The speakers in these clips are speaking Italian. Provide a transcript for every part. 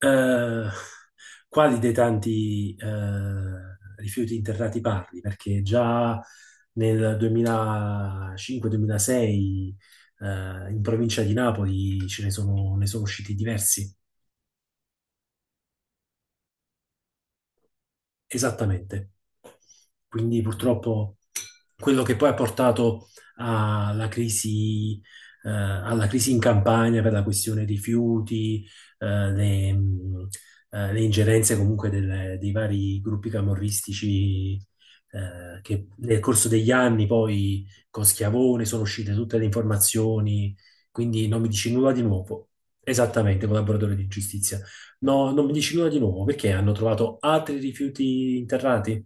Eh, quali dei tanti rifiuti interrati parli? Perché già nel 2005-2006 in provincia di Napoli ce ne sono usciti diversi. Esattamente. Quindi purtroppo quello che poi ha portato alla crisi, alla crisi in Campania per la questione rifiuti, eh, le, mh, le ingerenze comunque dei vari gruppi camorristici, che nel corso degli anni poi con Schiavone sono uscite tutte le informazioni, quindi non mi dici nulla di nuovo. Esattamente, collaboratore di giustizia. No, non mi dici nulla di nuovo perché hanno trovato altri rifiuti interrati?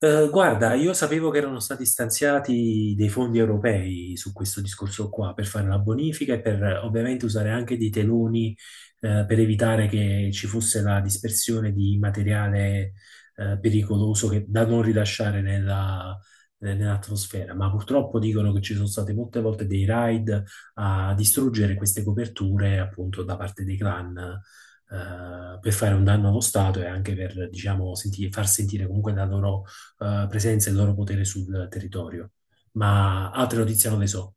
Guarda, io sapevo che erano stati stanziati dei fondi europei su questo discorso qua per fare la bonifica e per ovviamente usare anche dei teloni per evitare che ci fosse la dispersione di materiale pericoloso da non rilasciare nell'atmosfera. Ma purtroppo dicono che ci sono state molte volte dei raid a distruggere queste coperture appunto da parte dei clan. Per fare un danno allo Stato e anche per, diciamo, far sentire comunque la loro presenza e il loro potere sul territorio, ma altre notizie non le so.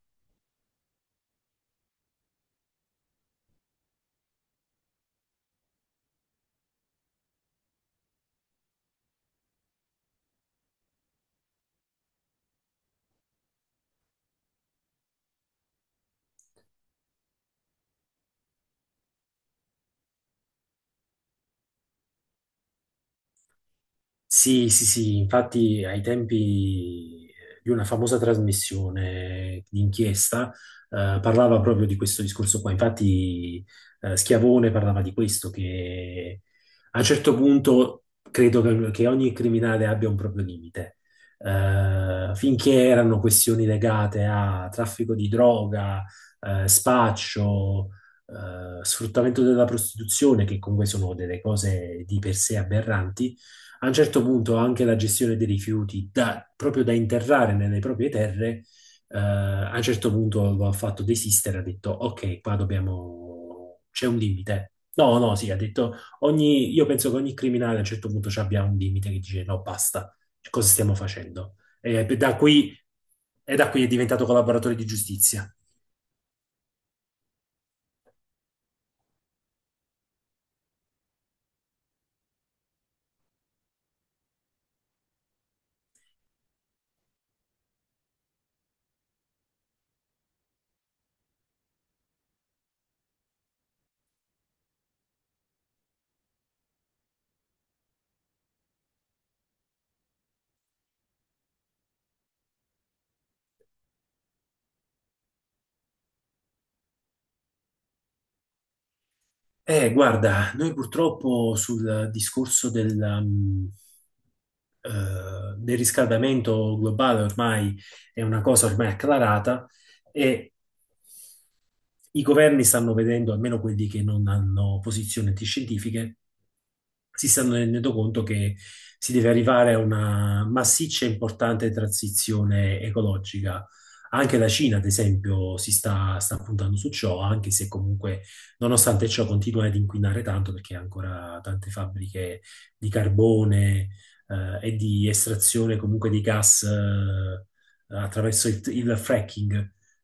Sì, sì, sì, infatti ai tempi di una famosa trasmissione di inchiesta parlava proprio di questo discorso qua. Infatti Schiavone parlava di questo, che a un certo punto credo che ogni criminale abbia un proprio limite. Finché erano questioni legate a traffico di droga, spaccio, sfruttamento della prostituzione, che comunque sono delle cose di per sé aberranti, a un certo punto anche la gestione dei rifiuti, proprio da interrare nelle proprie terre, a un certo punto lo ha fatto desistere, ha detto ok, qua dobbiamo, c'è un limite. No, no, sì, ha detto io penso che ogni criminale a un certo punto ci abbia un limite che dice no, basta, cosa stiamo facendo? E da qui è diventato collaboratore di giustizia. Guarda, noi purtroppo sul discorso del riscaldamento globale ormai è una cosa ormai acclarata e i governi stanno vedendo, almeno quelli che non hanno posizioni antiscientifiche, si stanno rendendo conto che si deve arrivare a una massiccia e importante transizione ecologica. Anche la Cina, ad esempio, si sta puntando su ciò, anche se comunque, nonostante ciò, continua ad inquinare tanto perché ha ancora tante fabbriche di carbone, e di estrazione comunque di gas, attraverso il fracking.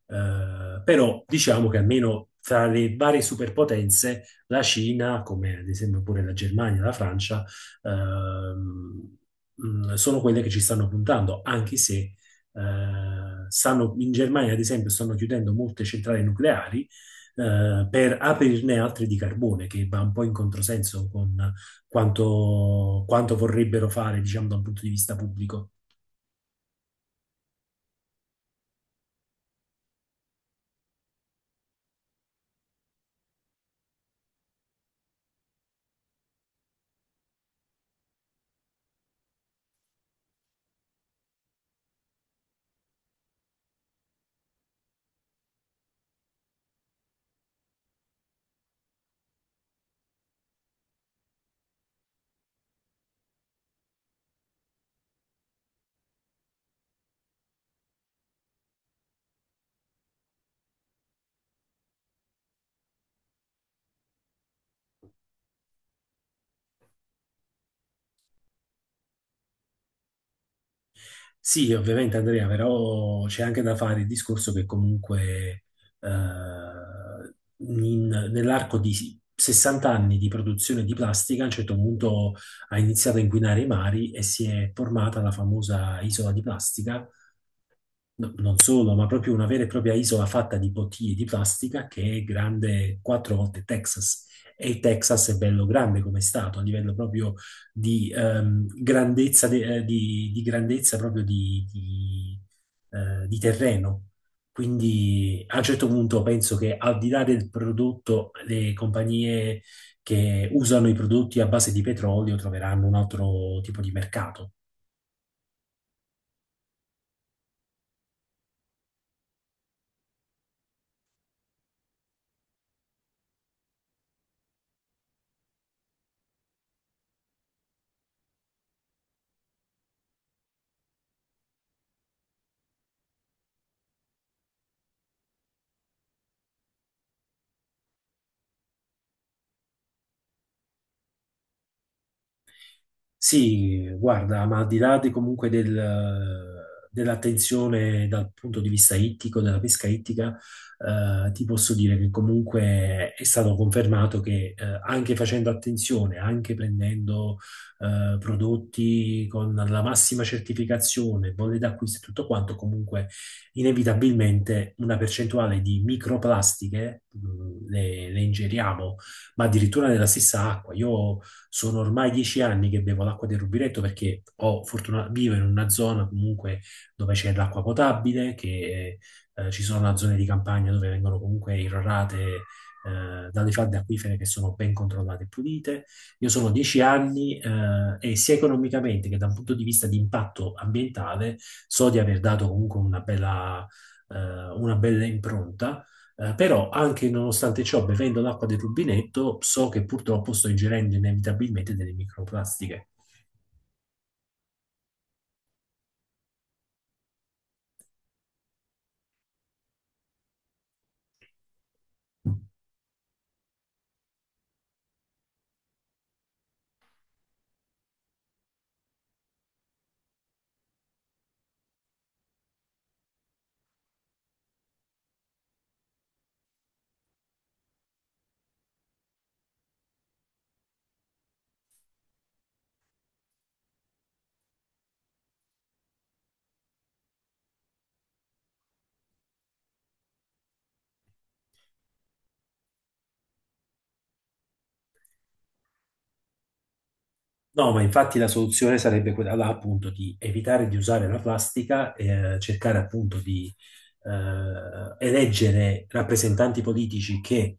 Però diciamo che almeno tra le varie superpotenze la Cina, come ad esempio pure la Germania, la Francia, ehm, sono quelle che ci stanno puntando, anche se in Germania, ad esempio, stanno chiudendo molte centrali nucleari per aprirne altre di carbone, che va un po' in controsenso con quanto vorrebbero fare, diciamo, da un punto di vista pubblico. Sì, ovviamente Andrea, però c'è anche da fare il discorso che comunque nell'arco di 60 anni di produzione di plastica a un certo punto ha iniziato a inquinare i mari e si è formata la famosa isola di plastica. Non solo, ma proprio una vera e propria isola fatta di bottiglie di plastica che è grande quattro volte Texas. E il Texas è bello grande come stato, a livello proprio di grandezza, di grandezza proprio di terreno. Quindi a un certo punto penso che al di là del prodotto, le compagnie che usano i prodotti a base di petrolio troveranno un altro tipo di mercato. Sì, guarda, ma al di là di comunque dell'attenzione dal punto di vista ittico, della pesca ittica, ti posso dire che comunque è stato confermato che anche facendo attenzione, anche prendendo prodotti con la massima certificazione, bolle d'acquisto e tutto quanto, comunque inevitabilmente una percentuale di microplastiche le ingeriamo ma addirittura nella stessa acqua. Io sono ormai 10 anni che bevo l'acqua del rubinetto perché ho fortuna, vivo in una zona comunque dove c'è l'acqua potabile, che ci sono zone di campagna dove vengono comunque irrorate dalle falde acquifere che sono ben controllate e pulite. Io sono 10 anni e sia economicamente che da un punto di vista di impatto ambientale so di aver dato comunque eh, una bella impronta però anche nonostante ciò, bevendo l'acqua del rubinetto, so che purtroppo sto ingerendo inevitabilmente delle microplastiche. No, ma infatti la soluzione sarebbe quella là, appunto, di evitare di usare la plastica e cercare appunto di eleggere rappresentanti politici che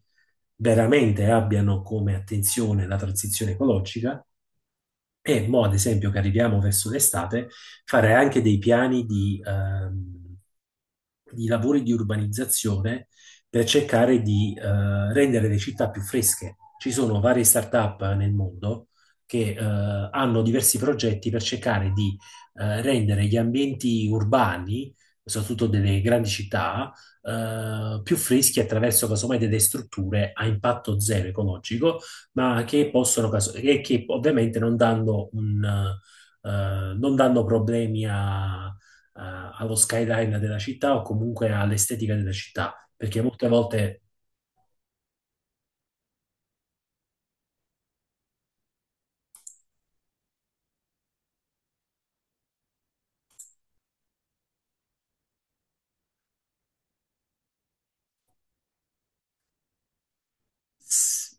veramente abbiano come attenzione la transizione ecologica e mo, ad esempio, che arriviamo verso l'estate, fare anche dei piani di lavori di urbanizzazione per cercare di rendere le città più fresche. Ci sono varie start-up nel mondo che hanno diversi progetti per cercare di rendere gli ambienti urbani, soprattutto delle grandi città, più freschi attraverso casomai delle strutture a impatto zero ecologico, ma che e che ovviamente non danno problemi a allo skyline della città o comunque all'estetica della città, perché molte volte s-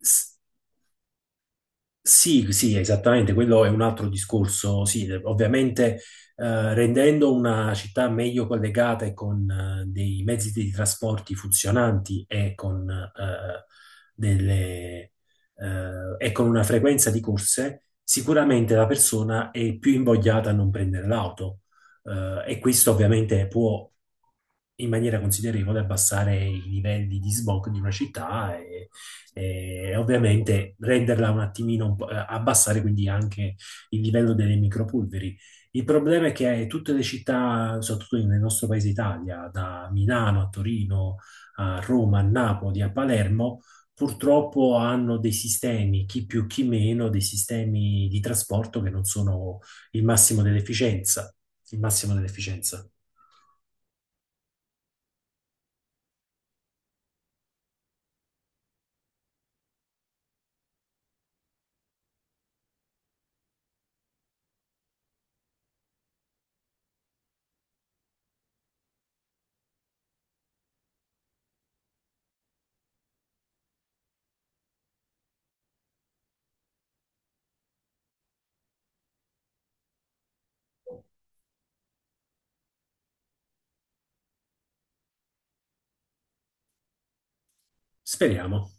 s- sì, sì, esattamente, quello è un altro discorso, sì, ovviamente rendendo una città meglio collegata e con dei mezzi di trasporti funzionanti delle, e con una frequenza di corse, sicuramente la persona è più invogliata a non prendere l'auto. E questo ovviamente può in maniera considerevole abbassare i livelli di smog di una città e ovviamente renderla un attimino, un po', abbassare quindi anche il livello delle micropolveri. Il problema è che tutte le città, soprattutto nel nostro paese Italia, da Milano a Torino, a Roma, a Napoli, a Palermo, purtroppo hanno dei sistemi, chi più chi meno, dei sistemi di trasporto che non sono il massimo dell'efficienza. Il massimo dell'efficienza. Speriamo.